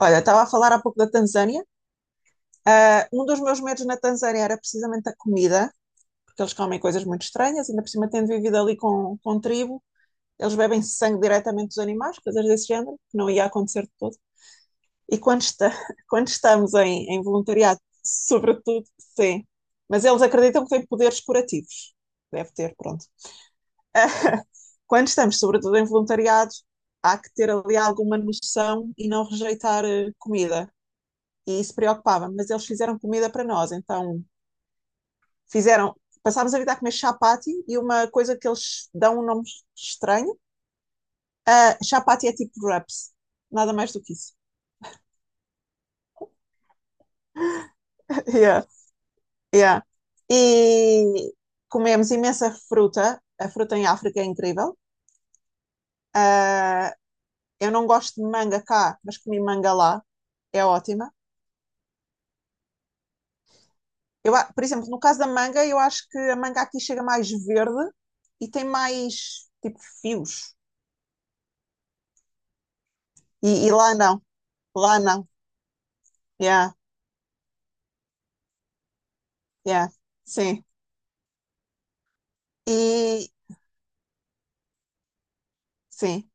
Olha, estava a falar há pouco da Tanzânia. Um dos meus medos na Tanzânia era precisamente a comida, porque eles comem coisas muito estranhas, ainda por cima tendo vivido ali com tribo, eles bebem sangue diretamente dos animais, coisas desse género, que não ia acontecer de todo. E quando, quando estamos em voluntariado, sobretudo, sim. Mas eles acreditam que têm poderes curativos. Deve ter, pronto. Ah, Quando estamos, sobretudo, em voluntariado, há que ter ali alguma noção e não rejeitar comida e se preocupava, mas eles fizeram comida para nós, então fizeram. Passámos a vida a comer chapati e uma coisa que eles dão um nome estranho. Chapati é tipo wraps, nada mais do que isso. yeah, yeah. E comemos imensa fruta, a fruta em África é incrível. Uh, eu não gosto de manga cá, mas comi manga lá, é ótima. Eu, por exemplo, no caso da manga, eu acho que a manga aqui chega mais verde e tem mais tipo fios. E lá não, lá não. Yeah, yeah, sim. E sim.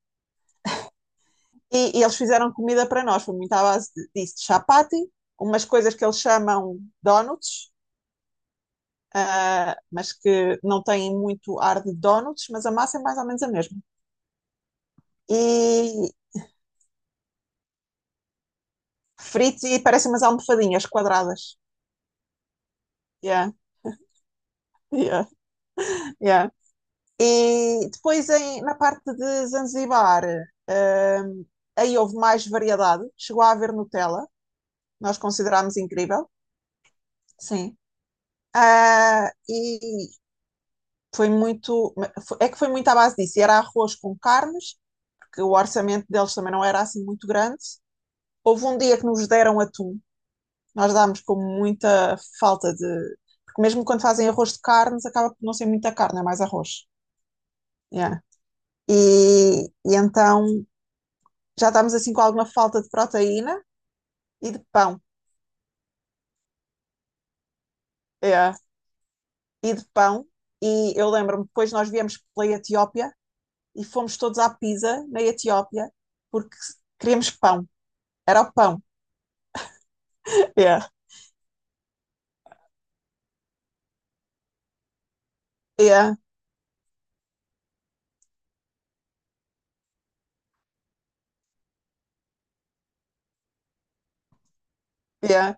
E eles fizeram comida para nós, foi muito à base disso, de chapati, umas coisas que eles chamam donuts, mas que não têm muito ar de donuts, mas a massa é mais ou menos a mesma. E fritos e parecem umas almofadinhas quadradas. Yeah, yeah, yeah. E depois na parte de Zanzibar, ah, aí houve mais variedade, chegou a haver Nutella, nós considerámos incrível. Sim. Ah, e foi muito. É que foi muito à base disso. Era arroz com carnes, porque o orçamento deles também não era assim muito grande. Houve um dia que nos deram atum. Nós dámos com muita falta de. Porque mesmo quando fazem arroz de carnes, acaba por não ser muita carne, é mais arroz. Yeah. E então já estávamos assim com alguma falta de proteína e de pão. Yeah. E de pão. E eu lembro-me, depois nós viemos pela Etiópia e fomos todos à Pisa, na Etiópia, porque queríamos pão. Era o pão. Yeah. Yeah, yeah.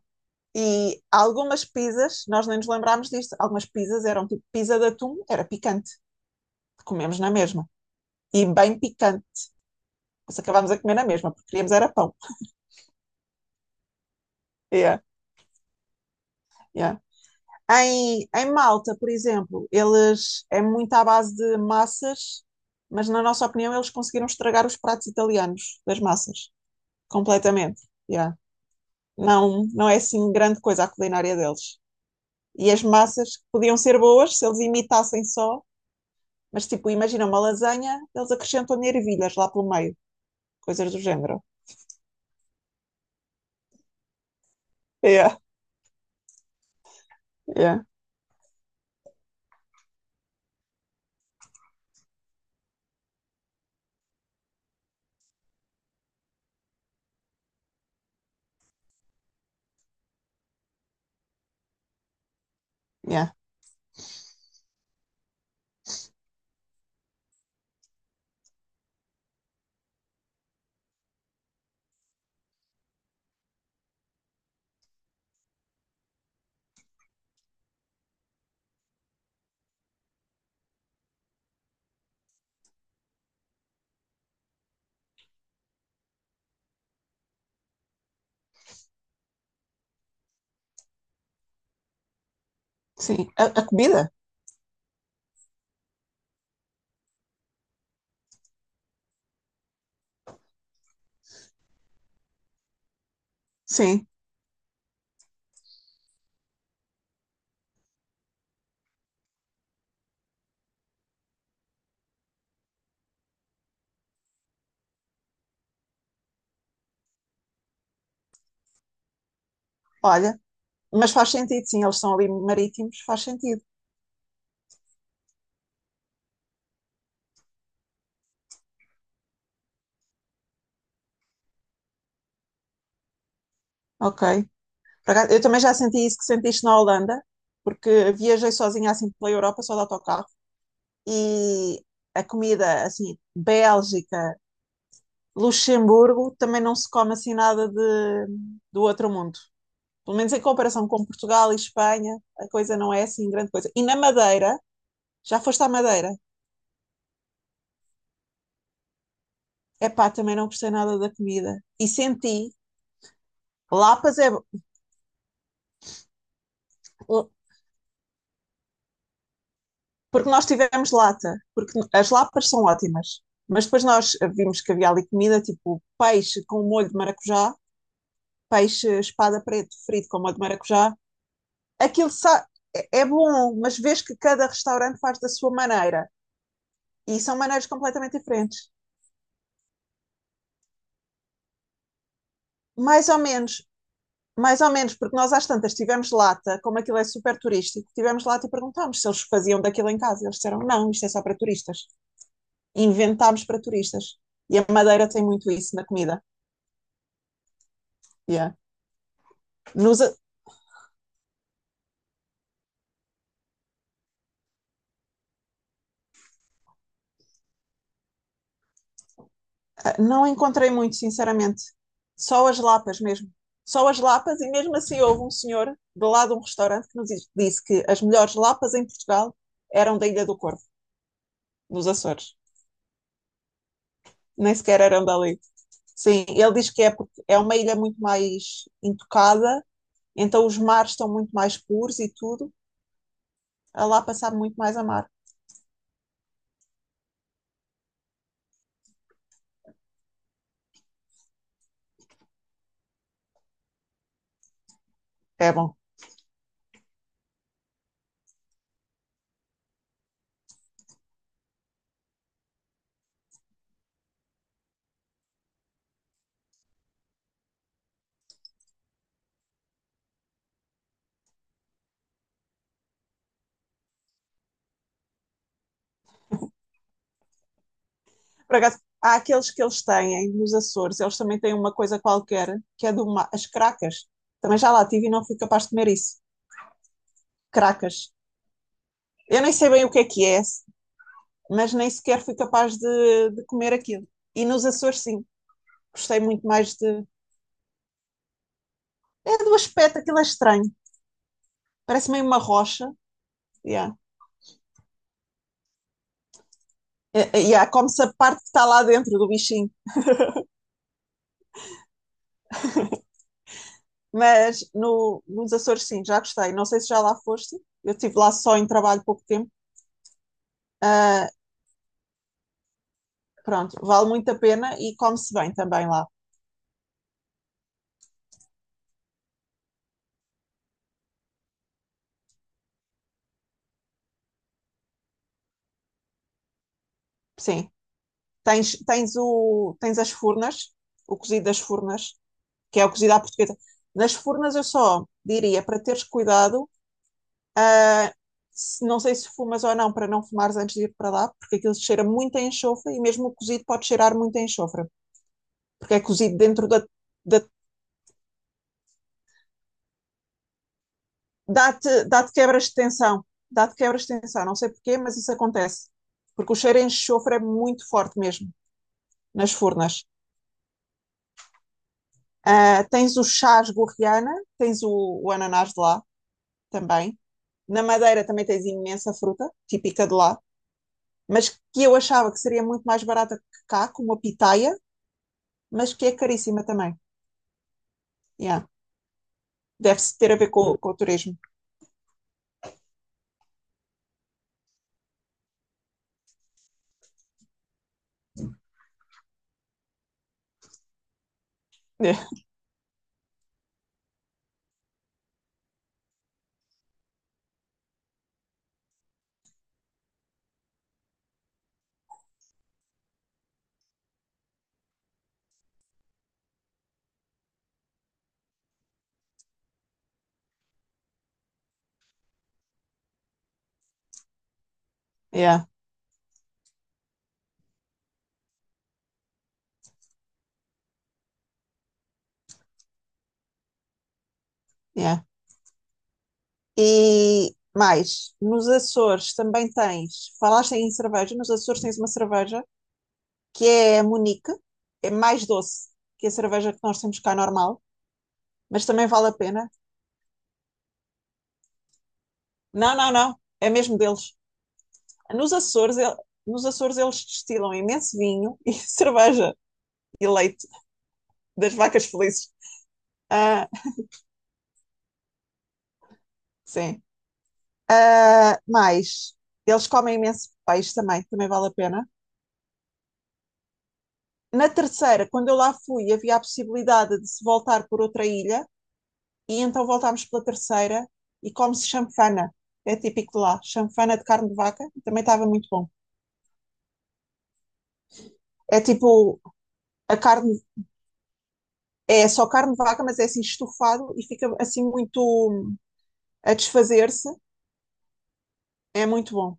E algumas pizzas, nós nem nos lembrámos disto, algumas pizzas eram tipo pizza de atum, era picante, comemos na mesma. E bem picante, nós acabámos a comer na mesma, porque queríamos era pão. Yeah, yeah. Em Malta, por exemplo, eles é muito à base de massas, mas na nossa opinião eles conseguiram estragar os pratos italianos das massas, completamente. Yeah. Não é assim grande coisa a culinária deles. E as massas podiam ser boas se eles imitassem só, mas tipo, imagina uma lasanha, eles acrescentam ervilhas lá pelo meio, coisas do género. Yeah, yeah, yeah. Sim, a comida, sim, olha, mas faz sentido, sim, eles são ali marítimos, faz sentido, ok. Por acaso, eu também já senti isso que sentiste na Holanda, porque viajei sozinha assim pela Europa, só de autocarro, e a comida, assim, Bélgica, Luxemburgo também não se come assim nada de, do outro mundo. Pelo menos em comparação com Portugal e Espanha, a coisa não é assim grande coisa. E na Madeira, já foste à Madeira? Epá, também não gostei nada da comida. E senti, lapas é. Porque nós tivemos lata, porque as lapas são ótimas. Mas depois nós vimos que havia ali comida, tipo peixe com molho de maracujá, peixe espada preto frito com molho de maracujá. Aquilo sa- é bom, mas vês que cada restaurante faz da sua maneira. E são maneiras completamente diferentes. Mais ou menos, mais ou menos, porque nós às tantas tivemos lata, como aquilo é super turístico, tivemos lata e perguntámos se eles faziam daquilo em casa. Eles disseram, não, isto é só para turistas. Inventámos para turistas. E a Madeira tem muito isso na comida. Yeah. Nos, eh, não encontrei muito, sinceramente. Só as lapas mesmo. Só as lapas, e mesmo assim houve um senhor do lado de um restaurante que nos disse que as melhores lapas em Portugal eram da Ilha do Corvo, nos Açores. Nem sequer eram dali. Sim, ele diz que é porque é uma ilha muito mais intocada, então os mares estão muito mais puros e tudo, a lá passar muito mais a mar. É bom. Por acaso, há aqueles que eles têm nos Açores, eles também têm uma coisa qualquer, que é do mar, as cracas. Também já lá tive e não fui capaz de comer isso. Cracas. Eu nem sei bem o que é, mas nem sequer fui capaz de comer aquilo. E nos Açores, sim, gostei muito mais de. É do aspecto, aquilo é estranho. Parece meio uma rocha. Yeah. E yeah, come-se a parte que está lá dentro do bichinho. Mas no, nos Açores, sim, já gostei. Não sei se já lá foste. Eu estive lá só em trabalho pouco tempo. Ah, Pronto, vale muito a pena e come-se bem também lá. Sim, tens as furnas, o cozido das furnas, que é o cozido à portuguesa. Nas furnas eu só diria para teres cuidado, ah, não sei se fumas ou não, para não fumares antes de ir para lá, porque aquilo cheira muito a enxofre e mesmo o cozido pode cheirar muito a enxofre. Porque é cozido dentro da. da dá-te dá quebras de tensão. Dá-te quebras de tensão. Não sei porquê, mas isso acontece. Porque o cheiro em enxofre é muito forte mesmo nas furnas. Tens o chás gorriana, tens o ananás de lá também. Na Madeira também tens imensa fruta, típica de lá, mas que eu achava que seria muito mais barata que cá, como a pitaia, mas que é caríssima também. Yeah. Deve-se ter a ver com o turismo. Yeah, yeah. E mais, nos Açores também tens, falaste em cerveja, nos Açores tens uma cerveja que é a Munique, é mais doce que a cerveja que nós temos cá normal, mas também vale a pena. Não, é mesmo deles. Nos Açores, nos Açores eles destilam imenso vinho e cerveja e leite das vacas felizes. Ah, sim. Ah, mais, eles comem imenso peixe também, também vale a pena. Na terceira, quando eu lá fui, havia a possibilidade de se voltar por outra ilha e então voltámos pela terceira e come-se chanfana. É típico de lá, chanfana de carne de vaca, também estava muito bom. É tipo, a carne é só carne de vaca, mas é assim estufado e fica assim muito hum, a desfazer-se. É muito bom.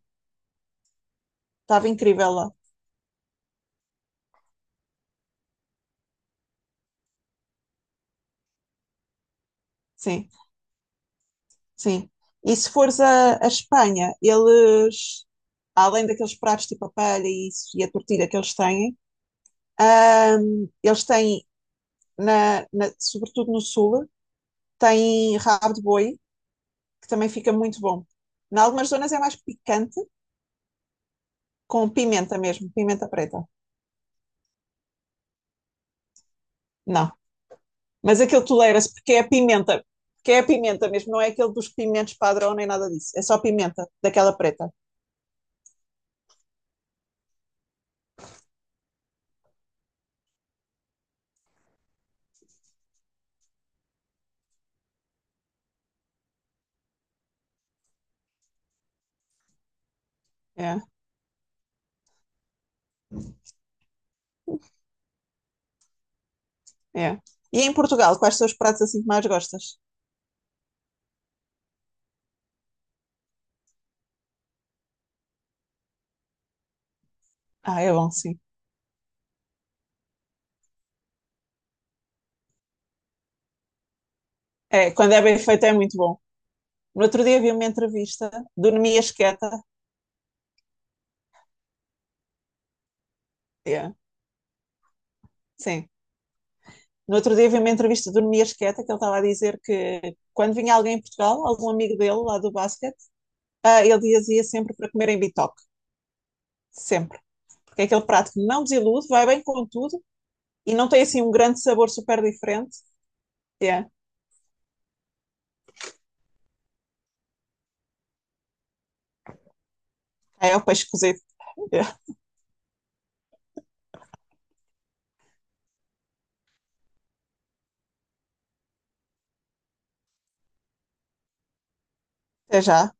Estava incrível lá. Sim, sim. E se fores a Espanha, eles, além daqueles pratos tipo a paella e isso, e a tortilha que eles têm, sobretudo no sul, têm rabo de boi, que também fica muito bom. Em algumas zonas é mais picante, com pimenta mesmo, pimenta preta. Não, mas aquele tolera-se porque é a pimenta, porque é a pimenta mesmo, não é aquele dos pimentos padrão nem nada disso, é só pimenta, daquela preta. É, é. E em Portugal, quais são os pratos assim que mais gostas? Ah, é bom, sim. É, quando é bem feito é muito bom. No outro dia vi uma entrevista do Nemias Queta, é, sim. No outro dia vi uma entrevista do Nemias Queta que ele estava a dizer que quando vinha alguém em Portugal, algum amigo dele lá do basquete, ah, ele dizia sempre para comer em bitoque, sempre. Porque é aquele prato que não desilude, vai bem com tudo e não tem assim um grande sabor super diferente. Yeah. É o peixe cozido. Yeah. Até já.